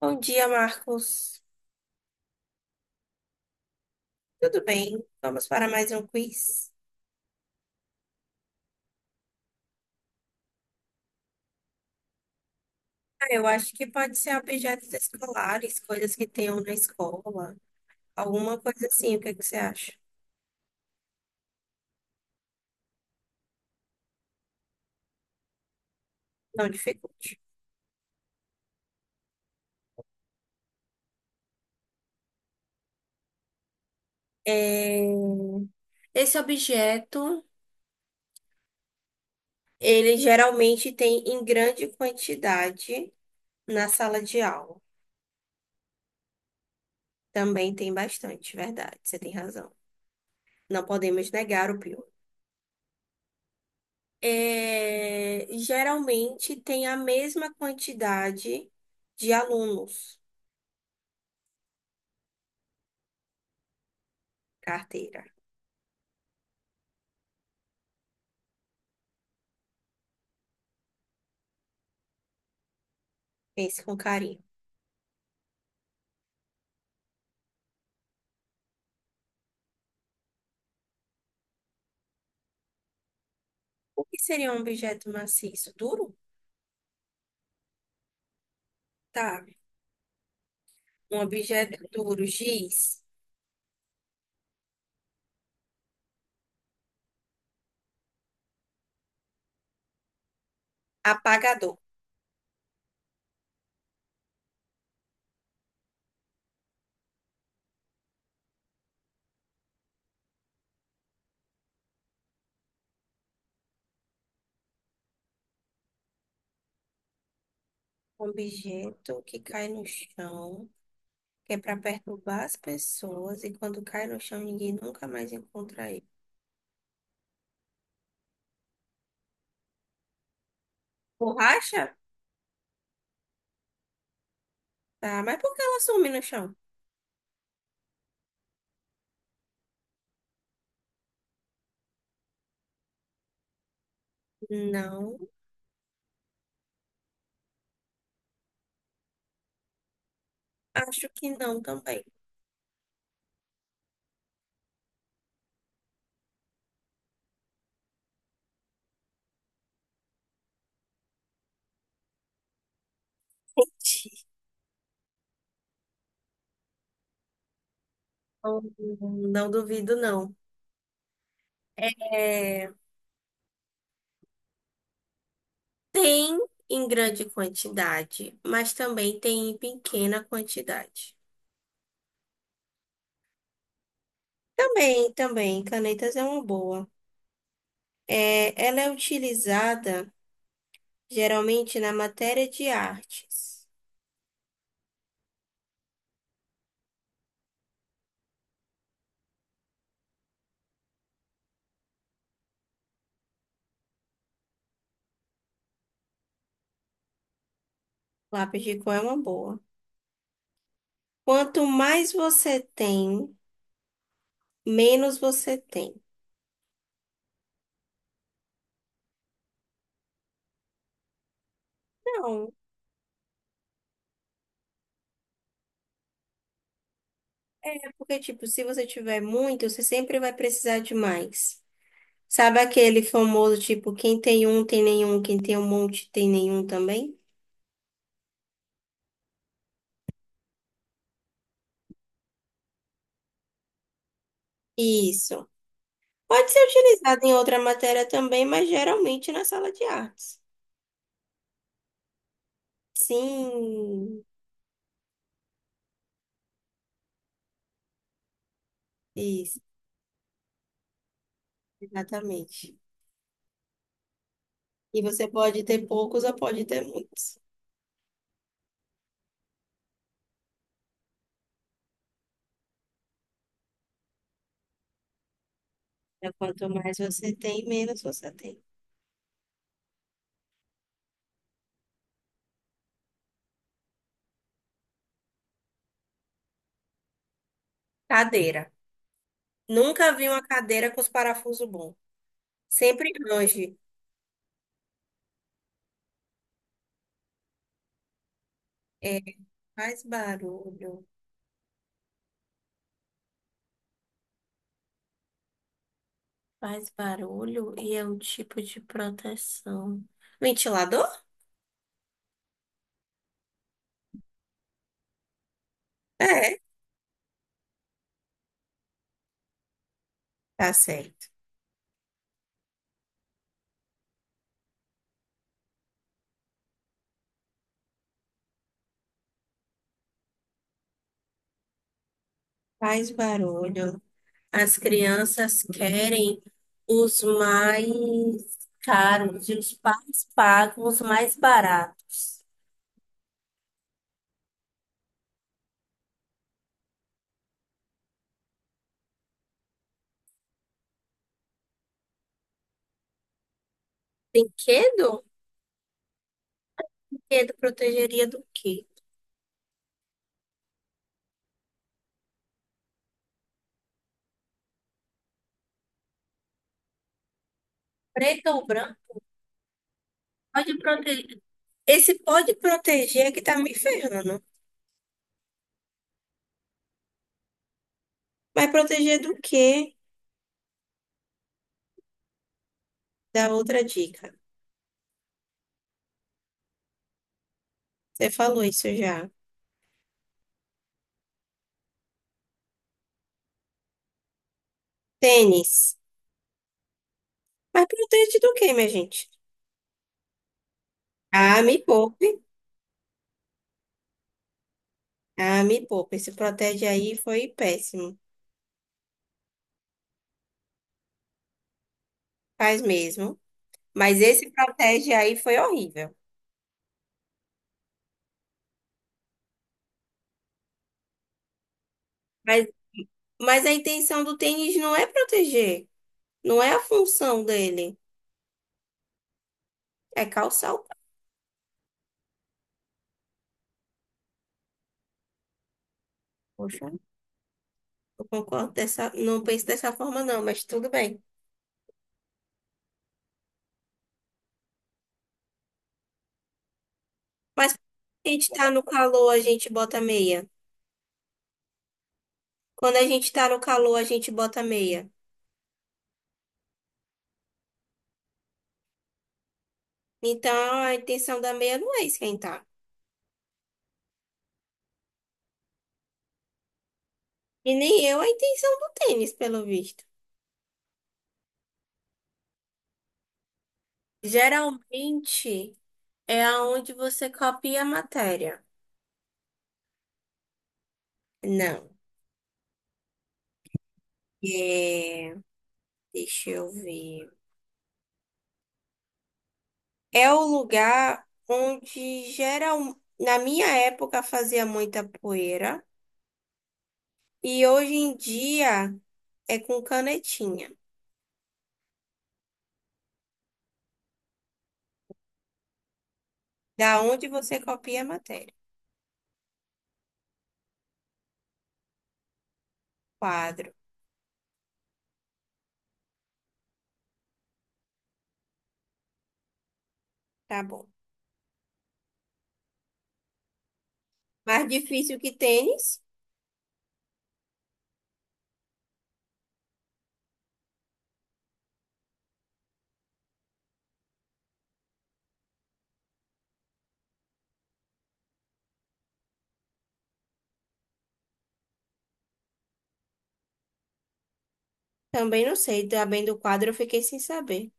Bom dia, Marcos. Tudo bem? Vamos para mais um quiz? Eu acho que pode ser objetos escolares, coisas que tenham na escola, alguma coisa assim. O que é que você acha? Não dificulte. É, Esse objeto, ele geralmente tem em grande quantidade na sala de aula. Também tem bastante, verdade. Você tem razão. Não podemos negar o pior. Geralmente tem a mesma quantidade de alunos. Carteira. Pense com carinho. O que seria um objeto maciço? Duro? Tá. Um objeto duro, giz, apagador. Um objeto que cai no chão, que é para perturbar as pessoas, e quando cai no chão, ninguém nunca mais encontra ele. Borracha? Tá, mas por que ela some no chão? Não, acho que não também. Não, não duvido, não. É, tem em grande quantidade, mas também tem em pequena quantidade. Também, também, canetas é uma boa. É, ela é utilizada geralmente na matéria de artes. Lápis de cor é uma boa. Quanto mais você tem, menos você tem. Não, é porque, tipo, se você tiver muito, você sempre vai precisar de mais. Sabe aquele famoso, tipo, quem tem um tem nenhum, quem tem um monte tem nenhum também? Isso. Pode ser utilizado em outra matéria também, mas geralmente na sala de artes. Sim. Isso. Exatamente. E você pode ter poucos ou pode ter muitos. Então, quanto mais você tem, menos você tem. Cadeira. Nunca vi uma cadeira com os parafusos bons. Sempre longe. É, Faz barulho. Faz barulho e é um tipo de proteção. Ventilador? É, tá certo. Faz barulho. As crianças querem os mais caros e os pais pagam os mais baratos. Brinquedo? Medo protegeria do quê? Preto ou branco? Pode proteger. Esse pode proteger que tá me ferrando. Mas proteger do quê? Da outra dica. Você falou isso já. Tênis. Mas protege do quê, minha gente? Ah, me poupe. Ah, me poupe. Esse protege aí foi péssimo. Faz mesmo. Mas esse protege aí foi horrível. Mas, mas a intenção do tênis não é proteger. Não é a função dele. É calçar o pé. Poxa. Eu concordo dessa, não penso dessa forma não, mas tudo bem. Mas quando a gente tá no calor, a gente bota meia. Quando a gente tá no calor, a gente bota meia. Então a intenção da meia não é esquentar. E nem eu a intenção do tênis, pelo visto. Geralmente é aonde você copia a matéria. Não. É, deixa eu ver. É o lugar onde geral, na minha época fazia muita poeira. E hoje em dia é com canetinha. Da onde você copia a matéria? Quadro. Tá bom. Mais difícil que tênis? Também não sei. Também do quadro eu fiquei sem saber.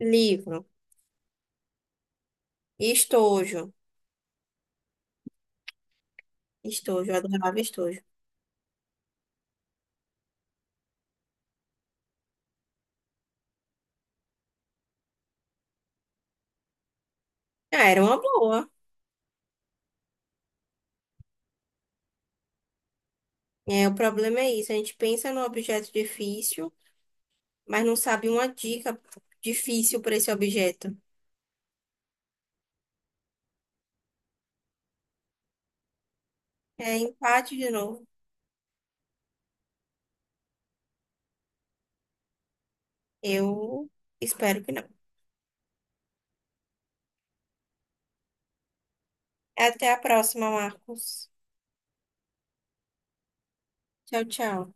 Livro. Estojo. Estojo. Eu adorava estojo. Ah, era uma boa. É, o problema é isso. A gente pensa num objeto difícil, mas não sabe uma dica difícil para esse objeto. É empate de novo. Eu espero que não. Até a próxima, Marcos. Tchau, tchau.